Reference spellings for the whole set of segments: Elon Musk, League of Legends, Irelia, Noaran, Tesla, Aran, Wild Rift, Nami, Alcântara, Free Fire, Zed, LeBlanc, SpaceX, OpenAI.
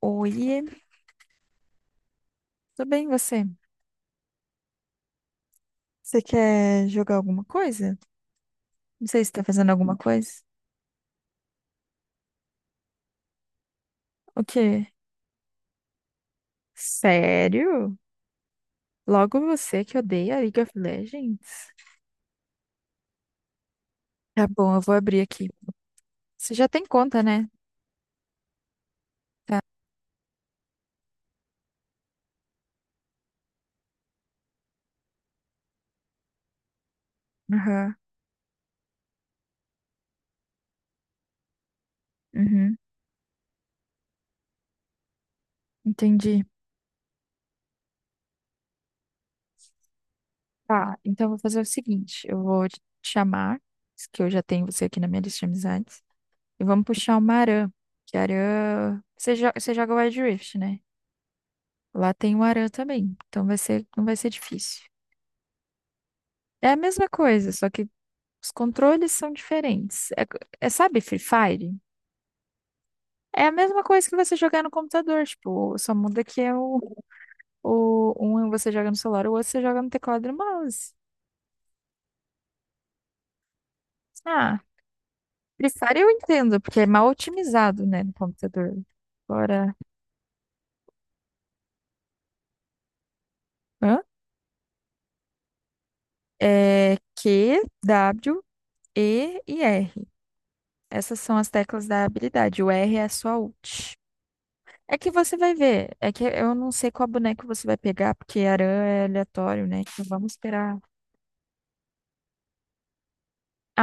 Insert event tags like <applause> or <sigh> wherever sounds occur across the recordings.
Oi, tudo bem você? Você quer jogar alguma coisa? Não sei se tá fazendo alguma coisa. O quê? Sério? Logo você que odeia League of Legends? Tá bom, eu vou abrir aqui. Você já tem conta, né? Tá. Aham. Uhum. Entendi. Tá, então eu vou fazer o seguinte: eu vou te chamar, que eu já tenho você aqui na minha lista de amizades, e vamos puxar uma Aran. Que Aran. Você, você joga Wild Rift, né? Lá tem o Aran também, então não vai ser difícil. É a mesma coisa, só que os controles são diferentes. É, sabe, Free Fire? É a mesma coisa que você jogar no computador, tipo, só muda que é o um é você joga no celular, o outro você joga no teclado e no mouse. Ah, Free Fire eu entendo, porque é mal otimizado, né, no computador. Agora, hã? É Q, W, E e R. Essas são as teclas da habilidade. O R é a sua ult. É que você vai ver. É que eu não sei qual boneco você vai pegar, porque Aran é aleatório, né? Então vamos esperar.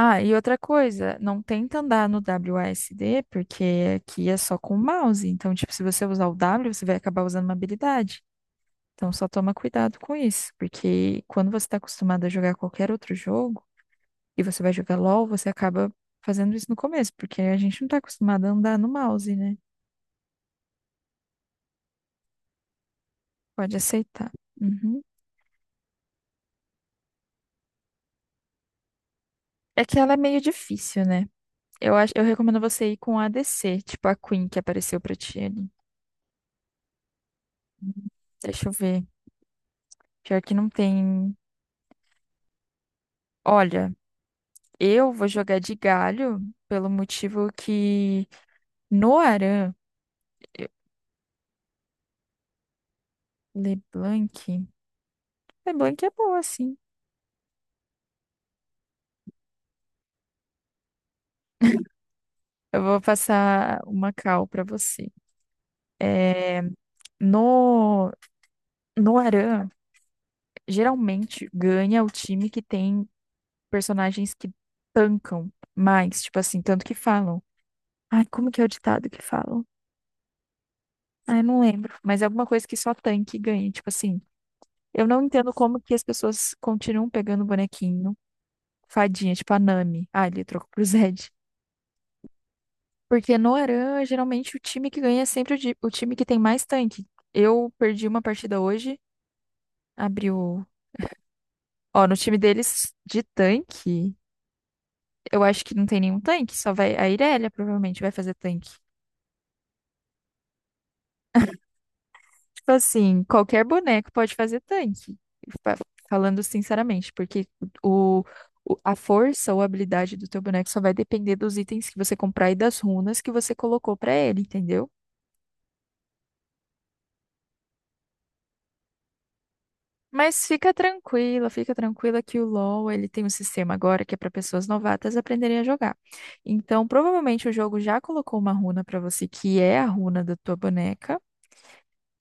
Ah, e outra coisa, não tenta andar no WASD, porque aqui é só com o mouse. Então, tipo, se você usar o W, você vai acabar usando uma habilidade. Então, só toma cuidado com isso, porque quando você está acostumado a jogar qualquer outro jogo, e você vai jogar LOL, você acaba fazendo isso no começo, porque a gente não está acostumado a andar no mouse, né? Pode aceitar. Uhum. É que ela é meio difícil, né? Eu acho, eu recomendo você ir com a DC, tipo a Queen que apareceu pra ti ali. Hum. Deixa eu ver. Pior que não tem. Olha, eu vou jogar de galho pelo motivo que Noaran, LeBlanc. LeBlanc é boa, sim. Eu vou passar uma cal pra você. É, no Noaran, geralmente ganha o time que tem personagens que tancam mais, tipo assim, tanto que falam. Ai, como que é o ditado que falam? Ah, eu não lembro, mas é alguma coisa que só tanque ganha. Tipo assim, eu não entendo como que as pessoas continuam pegando bonequinho, fadinha, tipo a Nami. Ah, ele trocou pro Zed. Porque no Aran, geralmente o time que ganha é sempre o, o time que tem mais tanque. Eu perdi uma partida hoje, abri o. Ó, no time deles de tanque, eu acho que não tem nenhum tanque, só vai. A Irelia provavelmente vai fazer tanque. Tipo assim, qualquer boneco pode fazer tanque. Fa- Falando sinceramente, porque o, a força ou habilidade do teu boneco só vai depender dos itens que você comprar e das runas que você colocou pra ele, entendeu? Mas fica tranquila que o LoL, ele tem um sistema agora que é para pessoas novatas aprenderem a jogar. Então, provavelmente o jogo já colocou uma runa pra você que é a runa da tua boneca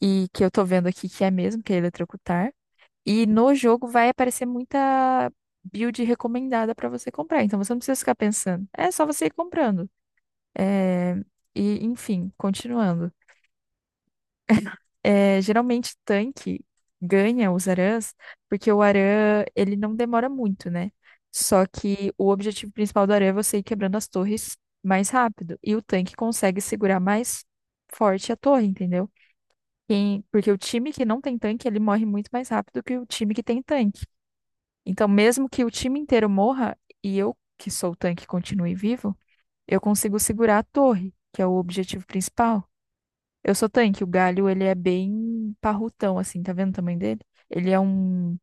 e que eu tô vendo aqui que é mesmo, que é eletrocutar. E no jogo vai aparecer muita build recomendada para você comprar. Então você não precisa ficar pensando. É só você ir comprando. É, Enfim, continuando. É, geralmente tanque ganha os Arãs, porque o Arã, ele não demora muito, né? Só que o objetivo principal do Arã é você ir quebrando as torres mais rápido. E o tanque consegue segurar mais forte a torre, entendeu? Porque o time que não tem tanque, ele morre muito mais rápido que o time que tem tanque. Então, mesmo que o time inteiro morra e eu, que sou o tanque, continue vivo, eu consigo segurar a torre, que é o objetivo principal. Eu sou tanque, o galho, ele é bem parrutão, assim, tá vendo o tamanho dele? Ele é um.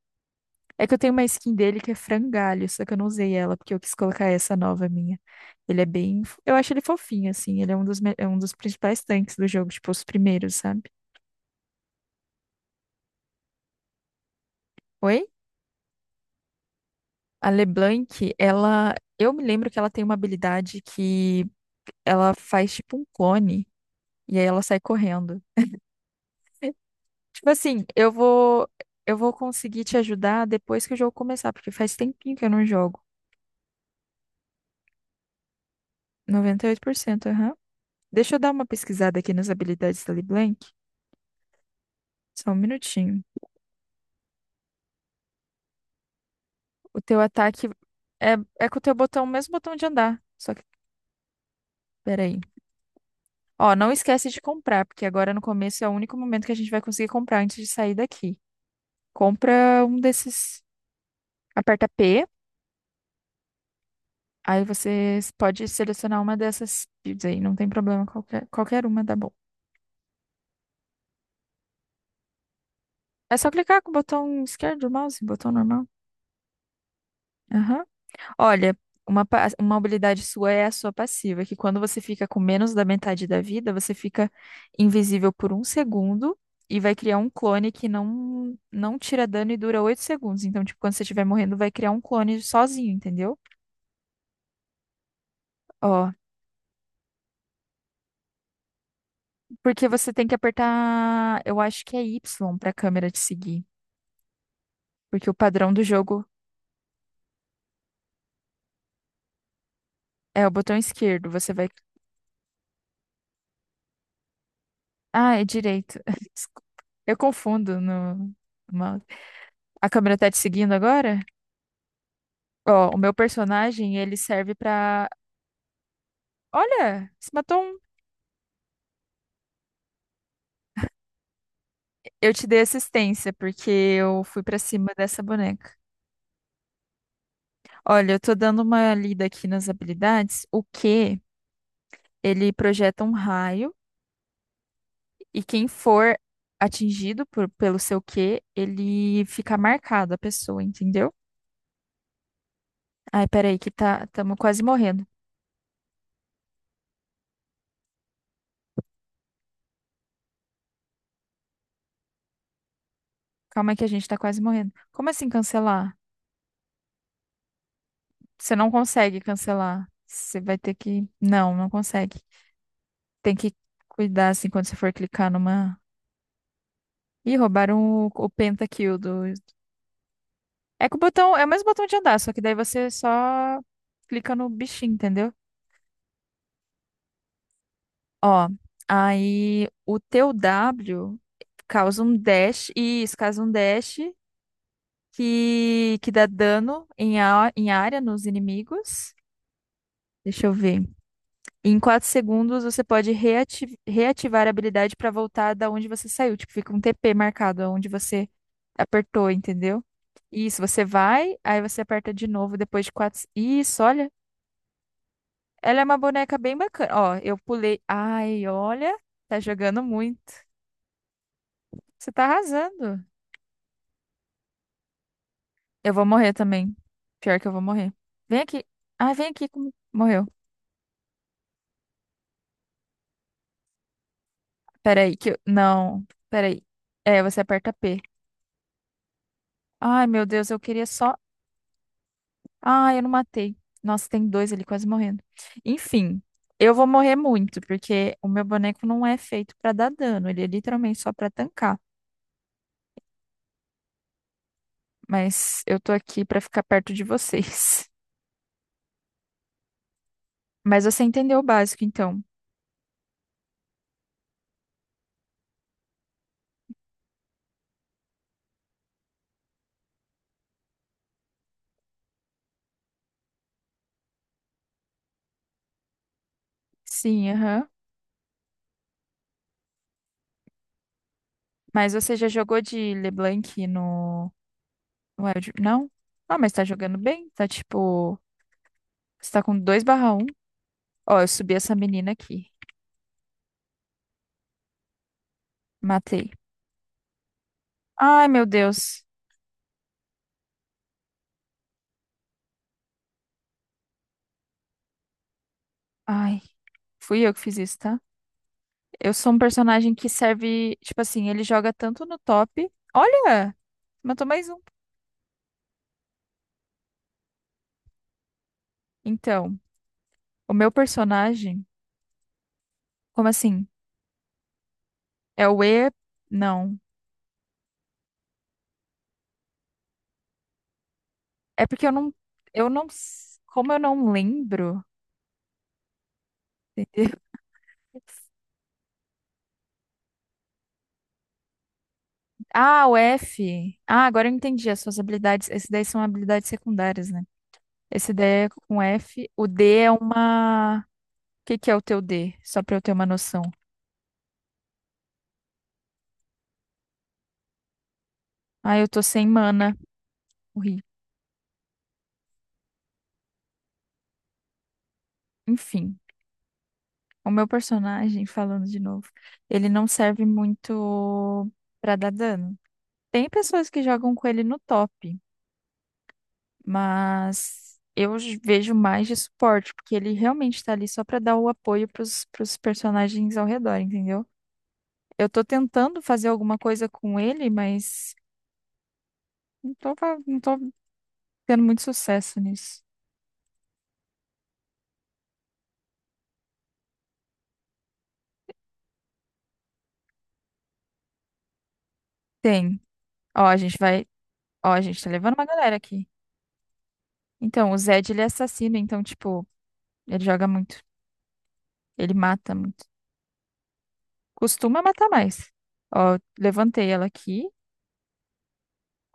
É que eu tenho uma skin dele que é frangalho, só que eu não usei ela, porque eu quis colocar essa nova minha. Ele é bem. Eu acho ele fofinho, assim. Ele é um dos, é um dos principais tanques do jogo, tipo, os primeiros, sabe? Oi? A LeBlanc, ela. Eu me lembro que ela tem uma habilidade que ela faz tipo um clone. E aí ela sai correndo. É, tipo assim, eu vou conseguir te ajudar depois que o jogo começar, porque faz tempinho que eu não jogo. 98%, aham. Deixa eu dar uma pesquisada aqui nas habilidades da LeBlanc. Só um minutinho. O teu ataque é, é com o teu botão, o mesmo botão de andar. Só que, peraí. Ó, não esquece de comprar, porque agora no começo é o único momento que a gente vai conseguir comprar antes de sair daqui. Compra um desses. Aperta P. Aí você pode selecionar uma dessas fields aí, não tem problema, qualquer uma dá bom. É só clicar com o botão esquerdo do mouse, botão normal. Aham. Olha, uma habilidade sua é a sua passiva, que quando você fica com menos da metade da vida, você fica invisível por um segundo e vai criar um clone que não, não tira dano e dura 8 segundos. Então, tipo, quando você estiver morrendo, vai criar um clone sozinho, entendeu? Ó, porque você tem que apertar, eu acho que é Y pra câmera te seguir. Porque o padrão do jogo. É o botão esquerdo, você vai. Ah, é direito. <laughs> Desculpa. Eu confundo no mouse. A câmera tá te seguindo agora? Ó, o meu personagem, ele serve pra. Olha, você matou um. Eu te dei assistência, porque eu fui pra cima dessa boneca. Olha, eu tô dando uma lida aqui nas habilidades. O Q, ele projeta um raio, e quem for atingido pelo seu Q, ele fica marcado, a pessoa, entendeu? Ai, peraí, que tá, estamos quase morrendo. Calma aí que a gente tá quase morrendo. Como assim cancelar? Você não consegue cancelar. Você vai ter que. Não, não consegue. Tem que cuidar assim quando você for clicar numa. Ih, roubaram o pentakill do. É que o botão. É o mesmo botão de andar, só que daí você só clica no bichinho, entendeu? Ó, aí o teu W causa um dash. Isso, causa um dash que dá dano em, a, em área nos inimigos. Deixa eu ver. Em 4 segundos, você pode reativar a habilidade para voltar da onde você saiu. Tipo, fica um TP marcado onde você apertou, entendeu? Isso, você vai, aí você aperta de novo depois de 4. Isso, olha. Ela é uma boneca bem bacana. Ó, eu pulei. Ai, olha. Tá jogando muito. Você tá arrasando. Eu vou morrer também. Pior que eu vou morrer. Vem aqui. Ah, vem aqui comigo. Morreu. Peraí, que eu. Não. Peraí. É, você aperta P. Ai, meu Deus, eu queria só. Ah, eu não matei. Nossa, tem dois ali quase morrendo. Enfim, eu vou morrer muito, porque o meu boneco não é feito pra dar dano. Ele é literalmente só pra tancar. Mas eu tô aqui pra ficar perto de vocês. <laughs> Mas você entendeu o básico, então? Sim, aham. Mas você já jogou de LeBlanc no Wild? Não? Ah, mas tá jogando bem? Tá tipo. Você tá com 2/1? Ó, eu subi essa menina aqui. Matei. Ai, meu Deus. Ai, fui eu que fiz isso, tá? Eu sou um personagem que serve, tipo assim, ele joga tanto no top. Olha, matou mais um. Então, o meu personagem. Como assim? É o E? Não. É porque eu não, s- como eu não lembro. Entendeu? <laughs> Ah, o F. Ah, agora eu entendi as suas habilidades. Esse daí são habilidades secundárias, né? Esse daí é com F. O D é uma. O que que é o teu D? Só pra eu ter uma noção. Ah, eu tô sem mana. Morri. Enfim. O meu personagem, falando de novo, ele não serve muito pra dar dano. Tem pessoas que jogam com ele no top, mas eu vejo mais de suporte, porque ele realmente tá ali só pra dar o apoio pros personagens ao redor, entendeu? Eu tô tentando fazer alguma coisa com ele, mas não tô tendo muito sucesso nisso. Tem. Ó, a gente vai. Ó, a gente tá levando uma galera aqui. Então, o Zed, ele é assassino, então, tipo, ele joga muito. Ele mata. Costuma matar mais. Ó, levantei ela aqui.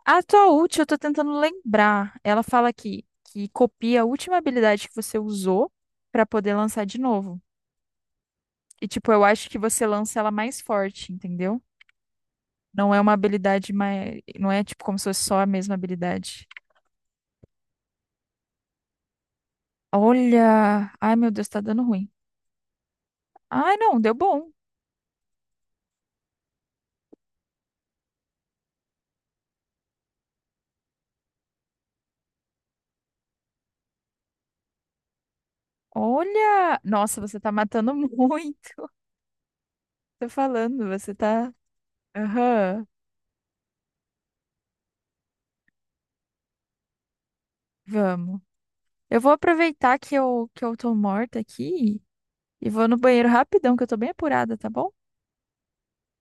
A tua ult, eu tô tentando lembrar. Ela fala aqui que copia a última habilidade que você usou pra poder lançar de novo. E, tipo, eu acho que você lança ela mais forte, entendeu? Não é uma habilidade mais. Não é, tipo, como se fosse só a mesma habilidade. Olha! Ai, meu Deus, tá dando ruim. Ai, não, deu bom. Olha! Nossa, você tá matando muito. <laughs> Tô falando, você tá. Aham. Vamos. Eu vou aproveitar que eu tô morta aqui e vou no banheiro rapidão, que eu tô bem apurada, tá bom?